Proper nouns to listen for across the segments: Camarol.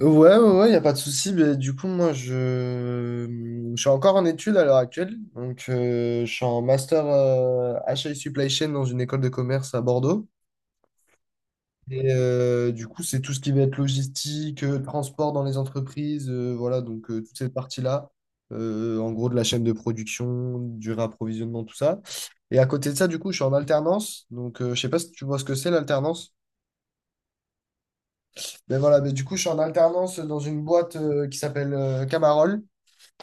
Ouais, ouais, ouais, y a pas de souci. Mais du coup, moi, je suis encore en études à l'heure actuelle. Donc, je suis en master HI Supply Chain dans une école de commerce à Bordeaux. Et du coup, c'est tout ce qui va être logistique, transport dans les entreprises, voilà, donc toute cette partie-là. En gros, de la chaîne de production, du réapprovisionnement, tout ça. Et à côté de ça, du coup, je suis en alternance. Donc, je sais pas si tu vois ce que c'est l'alternance. Mais voilà, mais du coup, je suis en alternance dans une boîte qui s'appelle Camarol,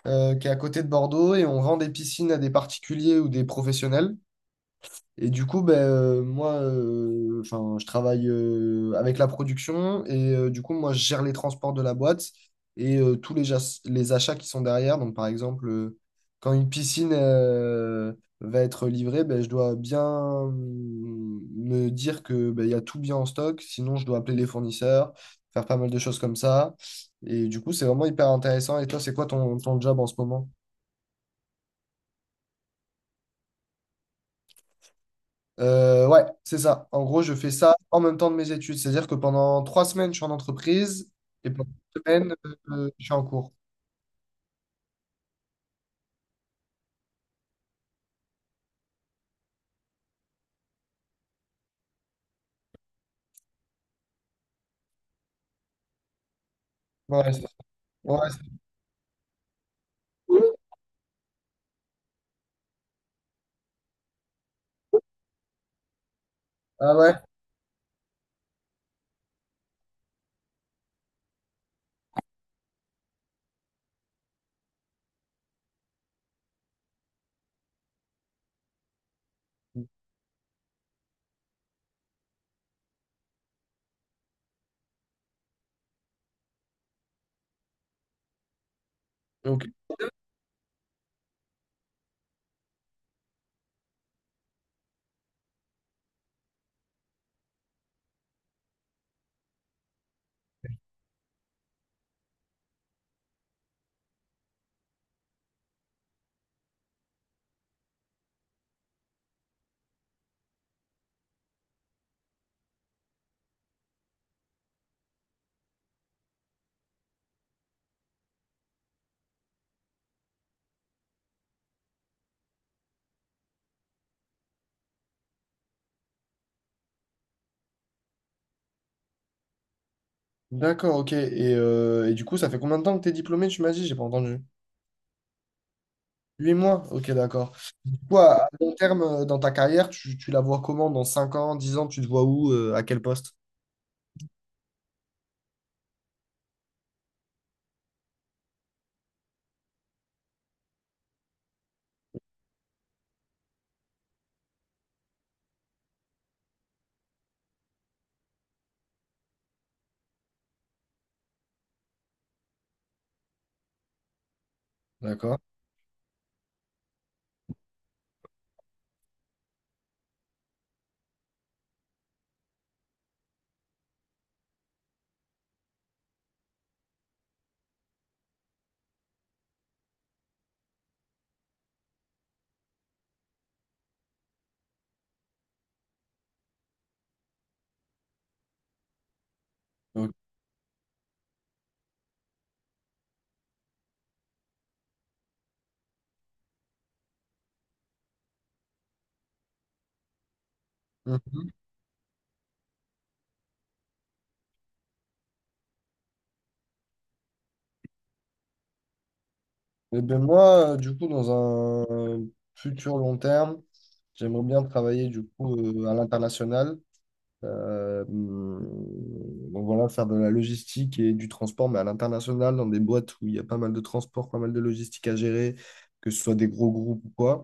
qui est à côté de Bordeaux et on vend des piscines à des particuliers ou des professionnels. Et du coup, ben, moi, enfin, je travaille avec la production et du coup, moi, je gère les transports de la boîte et tous les, les achats qui sont derrière. Donc, par exemple, quand une piscine va être livrée, ben, je dois bien me dire que ben, il y a tout bien en stock. Sinon, je dois appeler les fournisseurs, faire pas mal de choses comme ça. Et du coup, c'est vraiment hyper intéressant. Et toi, c'est quoi ton, ton job en ce moment? Ouais, c'est ça. En gros, je fais ça en même temps de mes études. C'est-à-dire que pendant trois semaines, je suis en entreprise et pendant une semaine, je suis en cours. Ouais, c'est- ouais, c'est cool. Ah ouais? Ok. D'accord, ok. Et du coup, ça fait combien de temps que tu es diplômé, tu m'as dit? J'ai pas entendu. Huit mois? Ok, d'accord. Du à long terme, dans ta carrière, tu la vois comment? Dans 5 ans, 10 ans, tu te vois où? À quel poste? D'accord. Ok. Mhm. Eh ben moi, du coup, dans un futur long terme, j'aimerais bien travailler du coup à l'international. Euh, hum, donc voilà, faire de la logistique et du transport, mais à l'international, dans des boîtes où il y a pas mal de transport, pas mal de logistique à gérer, que ce soit des gros groupes ou quoi.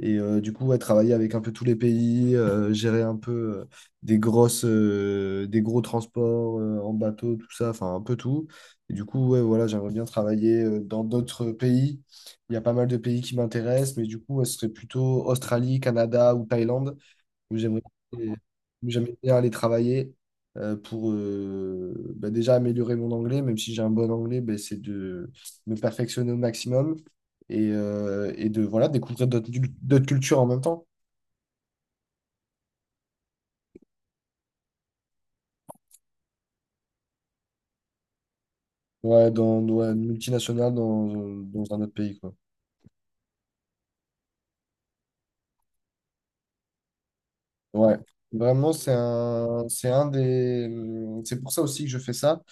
Et du coup, ouais, travailler avec un peu tous les pays, gérer un peu euh, des grosses, des gros transports en bateau, tout ça, enfin un peu tout. Et du coup, ouais, voilà, j'aimerais bien travailler dans d'autres pays. Il y a pas mal de pays qui m'intéressent, mais du coup, ouais, ce serait plutôt Australie, Canada ou Thaïlande où j'aimerais où j'aimerais bien aller travailler pour bah, déjà améliorer mon anglais, même si j'ai un bon anglais, bah, c'est de me perfectionner au maximum et de voilà, découvrir d'autres cultures en même temps. Ouais, dans, dans une multinationale, dans, dans un autre pays, quoi. Ouais, vraiment, c'est un des, c'est pour ça aussi que je fais ça.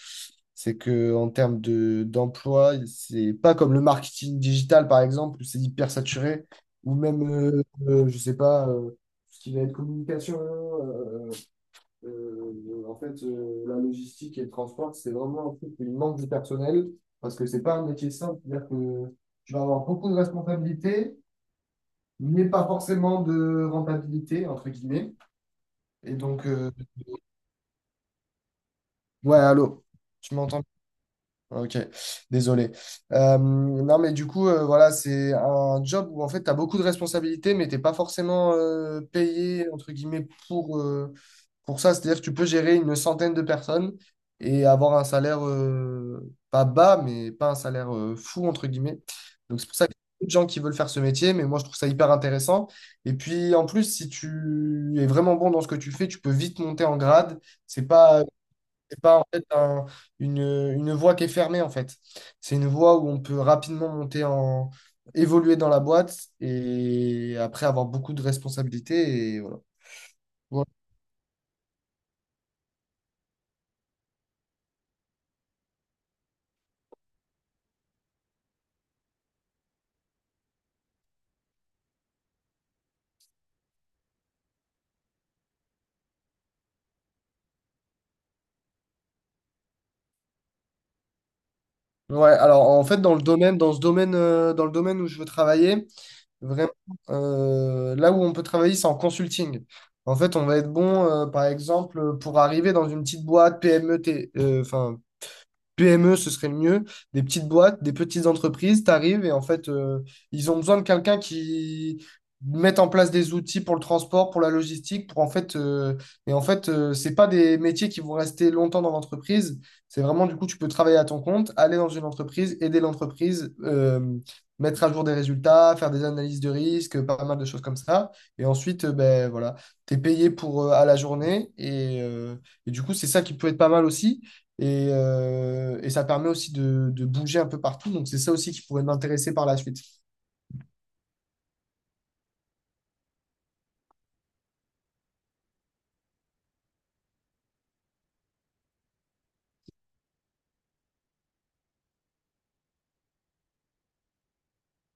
C'est que en termes de d'emploi, c'est pas comme le marketing digital par exemple où c'est hyper saturé, ou même, je sais pas, ce qui va être communication, en fait, la logistique et le transport, c'est vraiment un truc où il manque du personnel parce que c'est pas un métier simple, c'est-à-dire que tu vas avoir beaucoup de responsabilités, mais pas forcément de rentabilité entre guillemets. Et donc, euh. Ouais, allô, tu m'entends? Ok, désolé. Non, mais du coup, voilà, c'est un job où en fait, tu as beaucoup de responsabilités, mais t'es pas forcément payé, entre guillemets, pour ça. C'est-à-dire que tu peux gérer une centaine de personnes et avoir un salaire pas bas, mais pas un salaire fou, entre guillemets. Donc, c'est pour ça qu'il y a beaucoup de gens qui veulent faire ce métier, mais moi, je trouve ça hyper intéressant. Et puis, en plus, si tu es vraiment bon dans ce que tu fais, tu peux vite monter en grade. C'est pas c'est pas en fait une voie qui est fermée en fait. C'est une voie où on peut rapidement monter en évoluer dans la boîte et après avoir beaucoup de responsabilités et voilà. Ouais, ouais, alors en fait dans le domaine dans ce domaine dans le domaine où je veux travailler, vraiment là où on peut travailler c'est en consulting. En fait, on va être bon par exemple pour arriver dans une petite boîte PME, enfin PME, ce serait le mieux. Des petites boîtes, des petites entreprises, t'arrives et en fait, ils ont besoin de quelqu'un qui mette en place des outils pour le transport, pour la logistique, pour en fait, et en fait, c'est pas des métiers qui vont rester longtemps dans l'entreprise. C'est vraiment, du coup, tu peux travailler à ton compte, aller dans une entreprise, aider l'entreprise, mettre à jour des résultats, faire des analyses de risque, pas mal de choses comme ça. Et ensuite, ben voilà, t'es payé pour à la journée et du coup, c'est ça qui peut être pas mal aussi. Et ça permet aussi de bouger un peu partout. Donc, c'est ça aussi qui pourrait m'intéresser par la suite.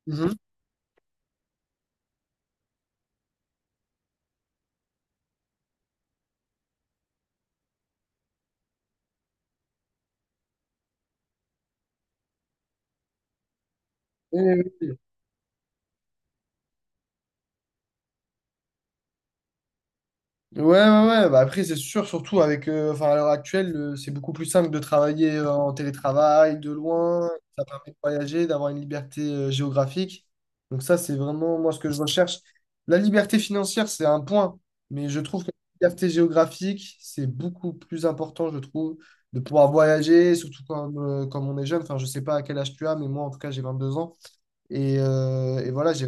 Mhm. Oui, oui, oui. Ouais, ouais, ouais. Bah après, c'est sûr, surtout avec, enfin, à l'heure actuelle, c'est beaucoup plus simple de travailler en télétravail, de loin. Ça permet de voyager, d'avoir une liberté géographique. Donc ça, c'est vraiment moi ce que je recherche. La liberté financière, c'est un point, mais je trouve que la liberté géographique, c'est beaucoup plus important, je trouve, de pouvoir voyager, surtout quand, quand on est jeune. Enfin, je sais pas à quel âge tu as, mais moi, en tout cas, j'ai 22 ans. Et voilà, j'ai.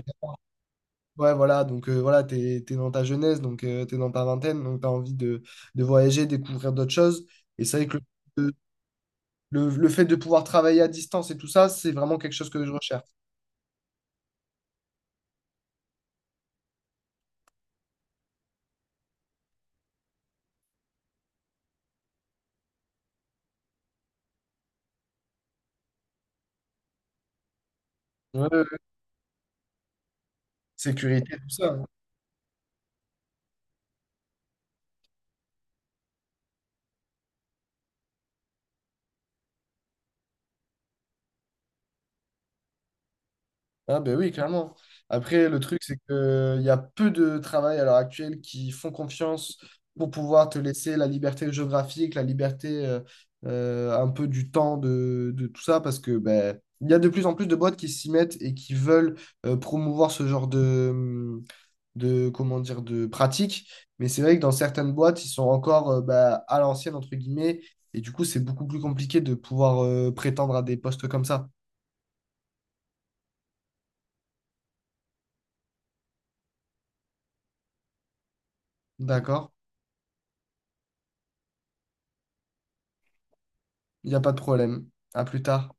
Ouais, voilà, donc voilà, t'es, t'es dans ta jeunesse, donc t'es dans ta vingtaine, donc t'as envie de voyager, découvrir d'autres choses. Et c'est vrai que le, le fait de pouvoir travailler à distance et tout ça, c'est vraiment quelque chose que je recherche. Ouais, ouais, ouais. Sécurité, tout ça. Ah ben oui, clairement. Après, le truc, c'est qu'il y a peu de travail à l'heure actuelle qui font confiance pour pouvoir te laisser la liberté géographique, la liberté un peu du temps de tout ça, parce que ben, il y a de plus en plus de boîtes qui s'y mettent et qui veulent promouvoir ce genre de, comment dire, de pratique. Mais c'est vrai que dans certaines boîtes, ils sont encore ben, à l'ancienne, entre guillemets, et du coup, c'est beaucoup plus compliqué de pouvoir prétendre à des postes comme ça. D'accord? Il n'y a pas de problème. À plus tard.